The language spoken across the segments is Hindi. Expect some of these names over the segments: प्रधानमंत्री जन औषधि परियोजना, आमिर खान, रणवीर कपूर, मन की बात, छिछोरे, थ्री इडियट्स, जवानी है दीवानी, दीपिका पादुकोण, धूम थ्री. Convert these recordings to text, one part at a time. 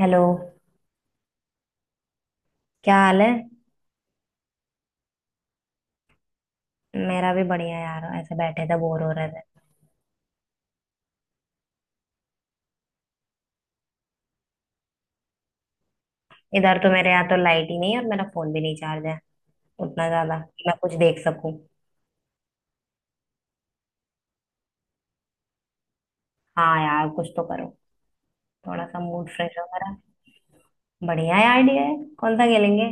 हेलो। क्या हाल है? मेरा भी बढ़िया यार, ऐसे बैठे थे बोर हो रहे थे। इधर तो मेरे यहाँ तो लाइट ही नहीं है और मेरा फोन भी नहीं चार्ज है उतना ज्यादा कि मैं कुछ देख सकूं। हाँ यार, कुछ तो करो। थोड़ा सा मूड फ्रेश हो मेरा। बढ़िया आइडिया है। कौन सा खेलेंगे?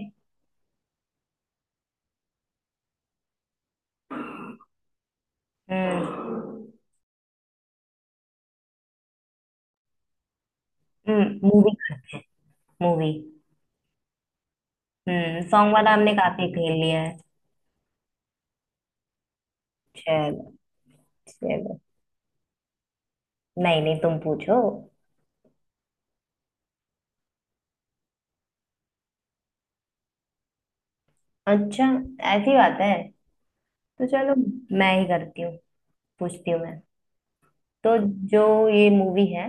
हम्म। हम्म, मूवी। मूवी। हम्म, सॉन्ग वाला हमने काफी खेल लिया है। चलो। चलो। नहीं नहीं, तुम पूछो। अच्छा, ऐसी बात है तो चलो। मैं ही करती हूँ, पूछती हूँ मैं। तो, जो ये मूवी है,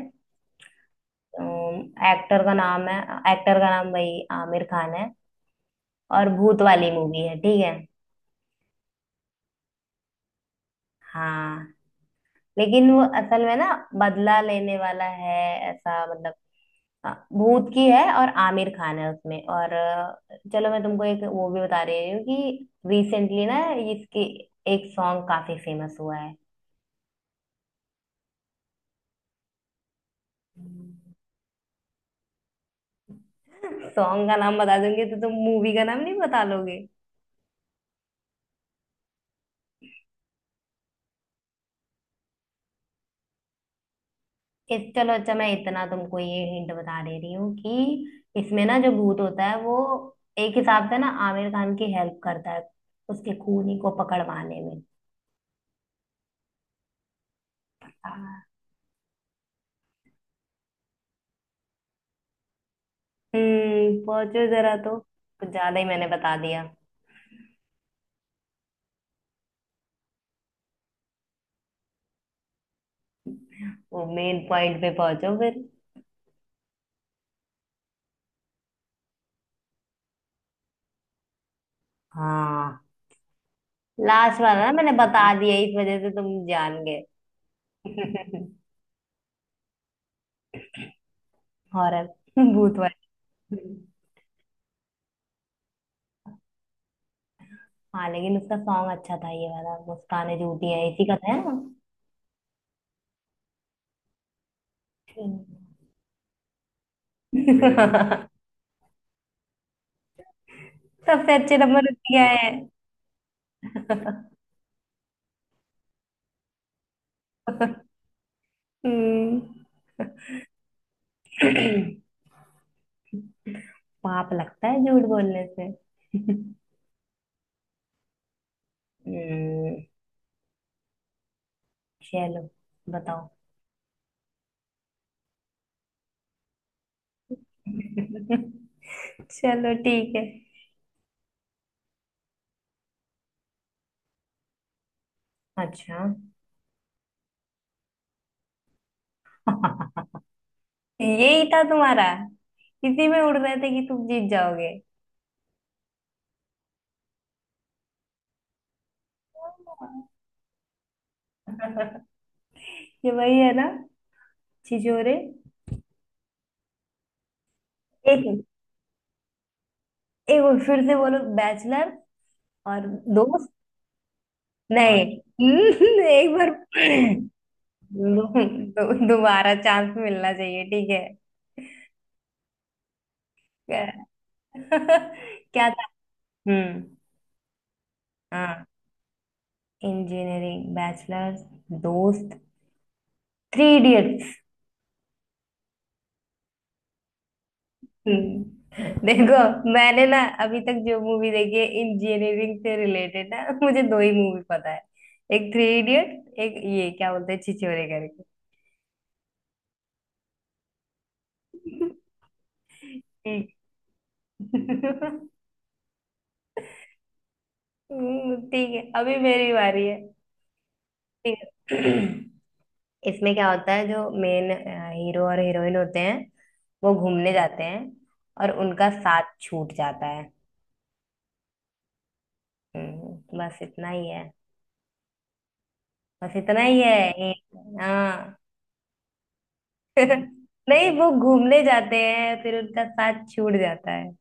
एक्टर का नाम है एक्टर का नाम भाई आमिर खान है। और भूत वाली मूवी है, ठीक है? हाँ, लेकिन वो असल में ना, बदला लेने वाला है ऐसा, मतलब। हाँ, भूत की है और आमिर खान है उसमें, और चलो मैं तुमको एक वो भी बता रही हूँ कि रिसेंटली ना, इसकी एक सॉन्ग काफी फेमस हुआ है। सॉन्ग का नाम बता दूंगी तो तुम मूवी का नाम नहीं बता लोगे? इस चलो, अच्छा, मैं इतना तुमको ये हिंट बता दे रही हूँ कि इसमें ना जो भूत होता है वो एक हिसाब से ना आमिर खान की हेल्प करता है उसके खूनी को पकड़वाने में। पहुंचो जरा, तो कुछ ज्यादा ही मैंने बता दिया। वो मेन पॉइंट पे पहुंचो फिर। हाँ, लास्ट वाला ना मैंने बता दिया इस वजह से तुम जान गए। हॉरर। भूत वाला। हाँ, लेकिन उसका सॉन्ग अच्छा था, ये वाला "मुस्कान झूठी है" इसी का था। ना। सबसे अच्छे नंबर उसके आए हैं। हम्म। पाप लगता है झूठ बोलने से? हम्म। चलो, बताओ। चलो, ठीक है। अच्छा। यही था तुम्हारा? इसी में उड़ रहे थे कि तुम जीत जाओगे। ये वही है ना, छिछोरे? एक एक बार फिर से बोलो, बैचलर और दोस्त। नहीं। एक बार। दो, दो, दोबारा चांस मिलना चाहिए, ठीक है? क्या? क्या था? हम्म। हाँ। इंजीनियरिंग, बैचलर्स, दोस्त, थ्री इडियट्स। हम्म। देखो मैंने ना अभी तक जो मूवी देखी है इंजीनियरिंग से रिलेटेड ना, मुझे दो ही मूवी पता है। एक थ्री इडियट, एक ये क्या बोलते हैं, छिछोरे करके। ठीक। ठीक है, अभी मेरी बारी है। ठीक है। इसमें क्या होता है, जो मेन हीरो और हीरोइन होते हैं वो घूमने जाते हैं और उनका साथ छूट जाता है। बस इतना ही है। बस इतना ही है। हाँ। नहीं, वो घूमने जाते हैं फिर उनका साथ छूट जाता है।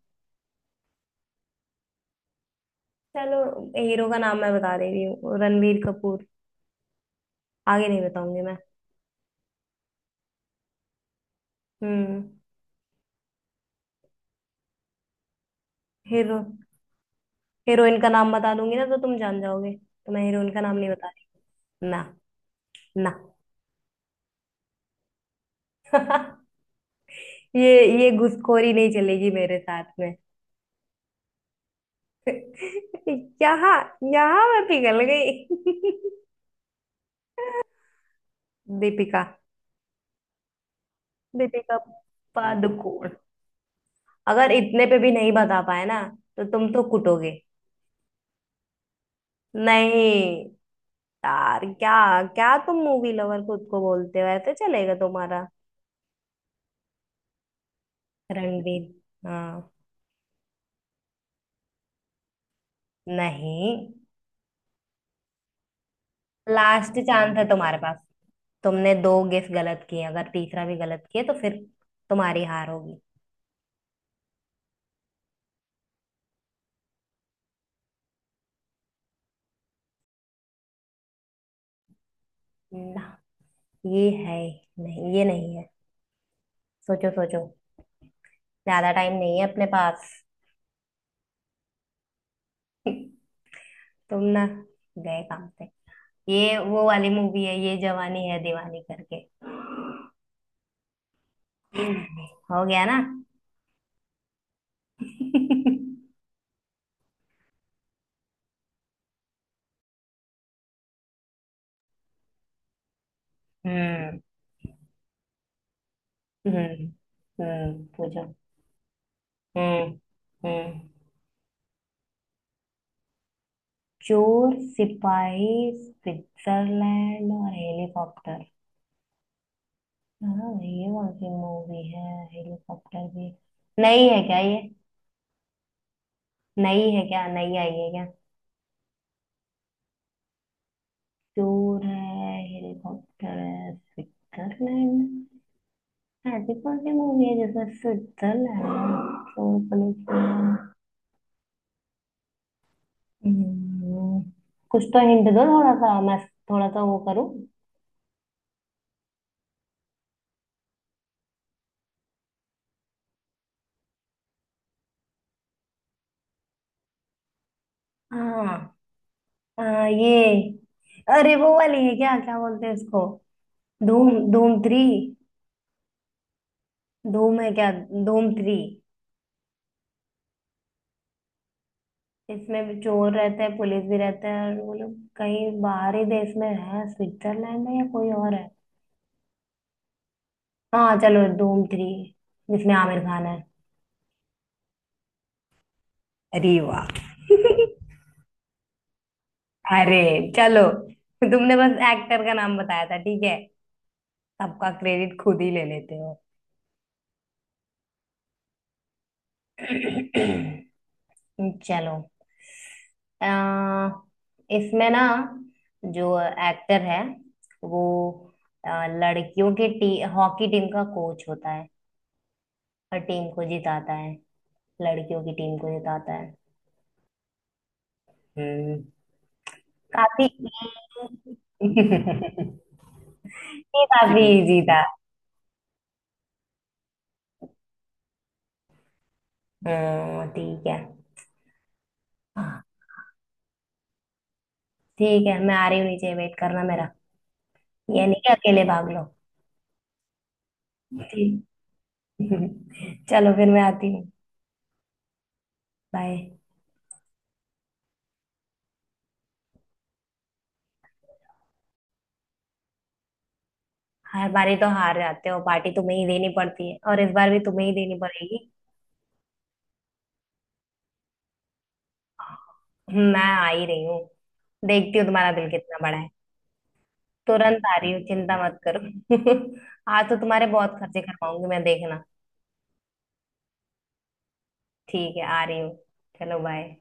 चलो, हीरो का नाम मैं बता दे रही हूँ, रणवीर कपूर। आगे नहीं बताऊंगी मैं। हम्म। हीरो। हीरोइन का नाम बता दूंगी ना तो तुम जान जाओगे, तो मैं हीरोइन का नाम नहीं बता रही ना। ना। ये घुसखोरी नहीं चलेगी मेरे साथ में। यहाँ यहाँ मैं पिघल गई। दीपिका। दीपिका पादुकोण। अगर इतने पे भी नहीं बता पाए ना तो तुम तो कुटोगे। नहीं यार, क्या, क्या तुम मूवी लवर खुद को बोलते हो, ऐसे चलेगा तुम्हारा? रणवीर। हाँ। नहीं। लास्ट चांस है तुम्हारे पास। तुमने दो गेस गलत किए, अगर तीसरा भी गलत किए तो फिर तुम्हारी हार होगी। ये है? नहीं, ये नहीं है। सोचो सोचो। ज्यादा टाइम नहीं है अपने पास। तुम ना, गए काम पे। ये वो वाली मूवी है, ये "जवानी है दीवानी" करके। हो गया ना? हम्म। हम्म। हम्म, पूछो। हम्म। हम्म। चोर सिपाही, स्विट्जरलैंड और हेलीकॉप्टर। हाँ, ये कौन सी मूवी है? हेलीकॉप्टर भी? नई है क्या ये? नई है क्या, नई आई है क्या? चोर है, हेलीकॉप्टर है, स्विट्जरलैंड। हाँ, बिकॉज ये मूवी है जैसे, स्विट्जरलैंड है, चोर पुलिस वाला। हम्म, कुछ तो हिंट दो, थोड़ा सा वो करूँ। हाँ। ये, अरे वो वाली है क्या, क्या बोलते हैं उसको? धूम धूम थ्री। धूम है क्या? धूम थ्री। इसमें भी चोर रहते हैं, पुलिस भी रहते हैं और वो लोग कहीं बाहरी देश में है, स्विट्जरलैंड है या कोई और है। हाँ चलो, धूम थ्री, जिसमें आमिर खान है। अरे वाह। अरे, चलो तो तुमने बस एक्टर का नाम बताया था, ठीक है। सबका क्रेडिट खुद ही ले लेते हो। चलो, अ, इसमें ना जो एक्टर है वो अ, लड़कियों के हॉकी टीम का कोच होता है और टीम को जिताता है, लड़कियों की टीम को जिताता है। हम्म। काफी। ये काफी इजी था। ठीक है। हाँ, ठीक है, मैं आ रही हूँ नीचे, वेट करना मेरा। ये नहीं कि अकेले भाग लो। ठीक। चलो फिर मैं आती हूँ। बाय। हर बारी तो हार जाते हो, पार्टी तुम्हें ही देनी पड़ती है और इस बार भी तुम्हें ही देनी पड़ेगी। मैं आ ही रही हूँ। देखती हूँ तुम्हारा दिल कितना बड़ा है। तुरंत आ रही हूँ, चिंता मत करो। आज तो तुम्हारे बहुत खर्चे करवाऊंगी मैं, देखना। ठीक है, आ रही हूँ। चलो बाय।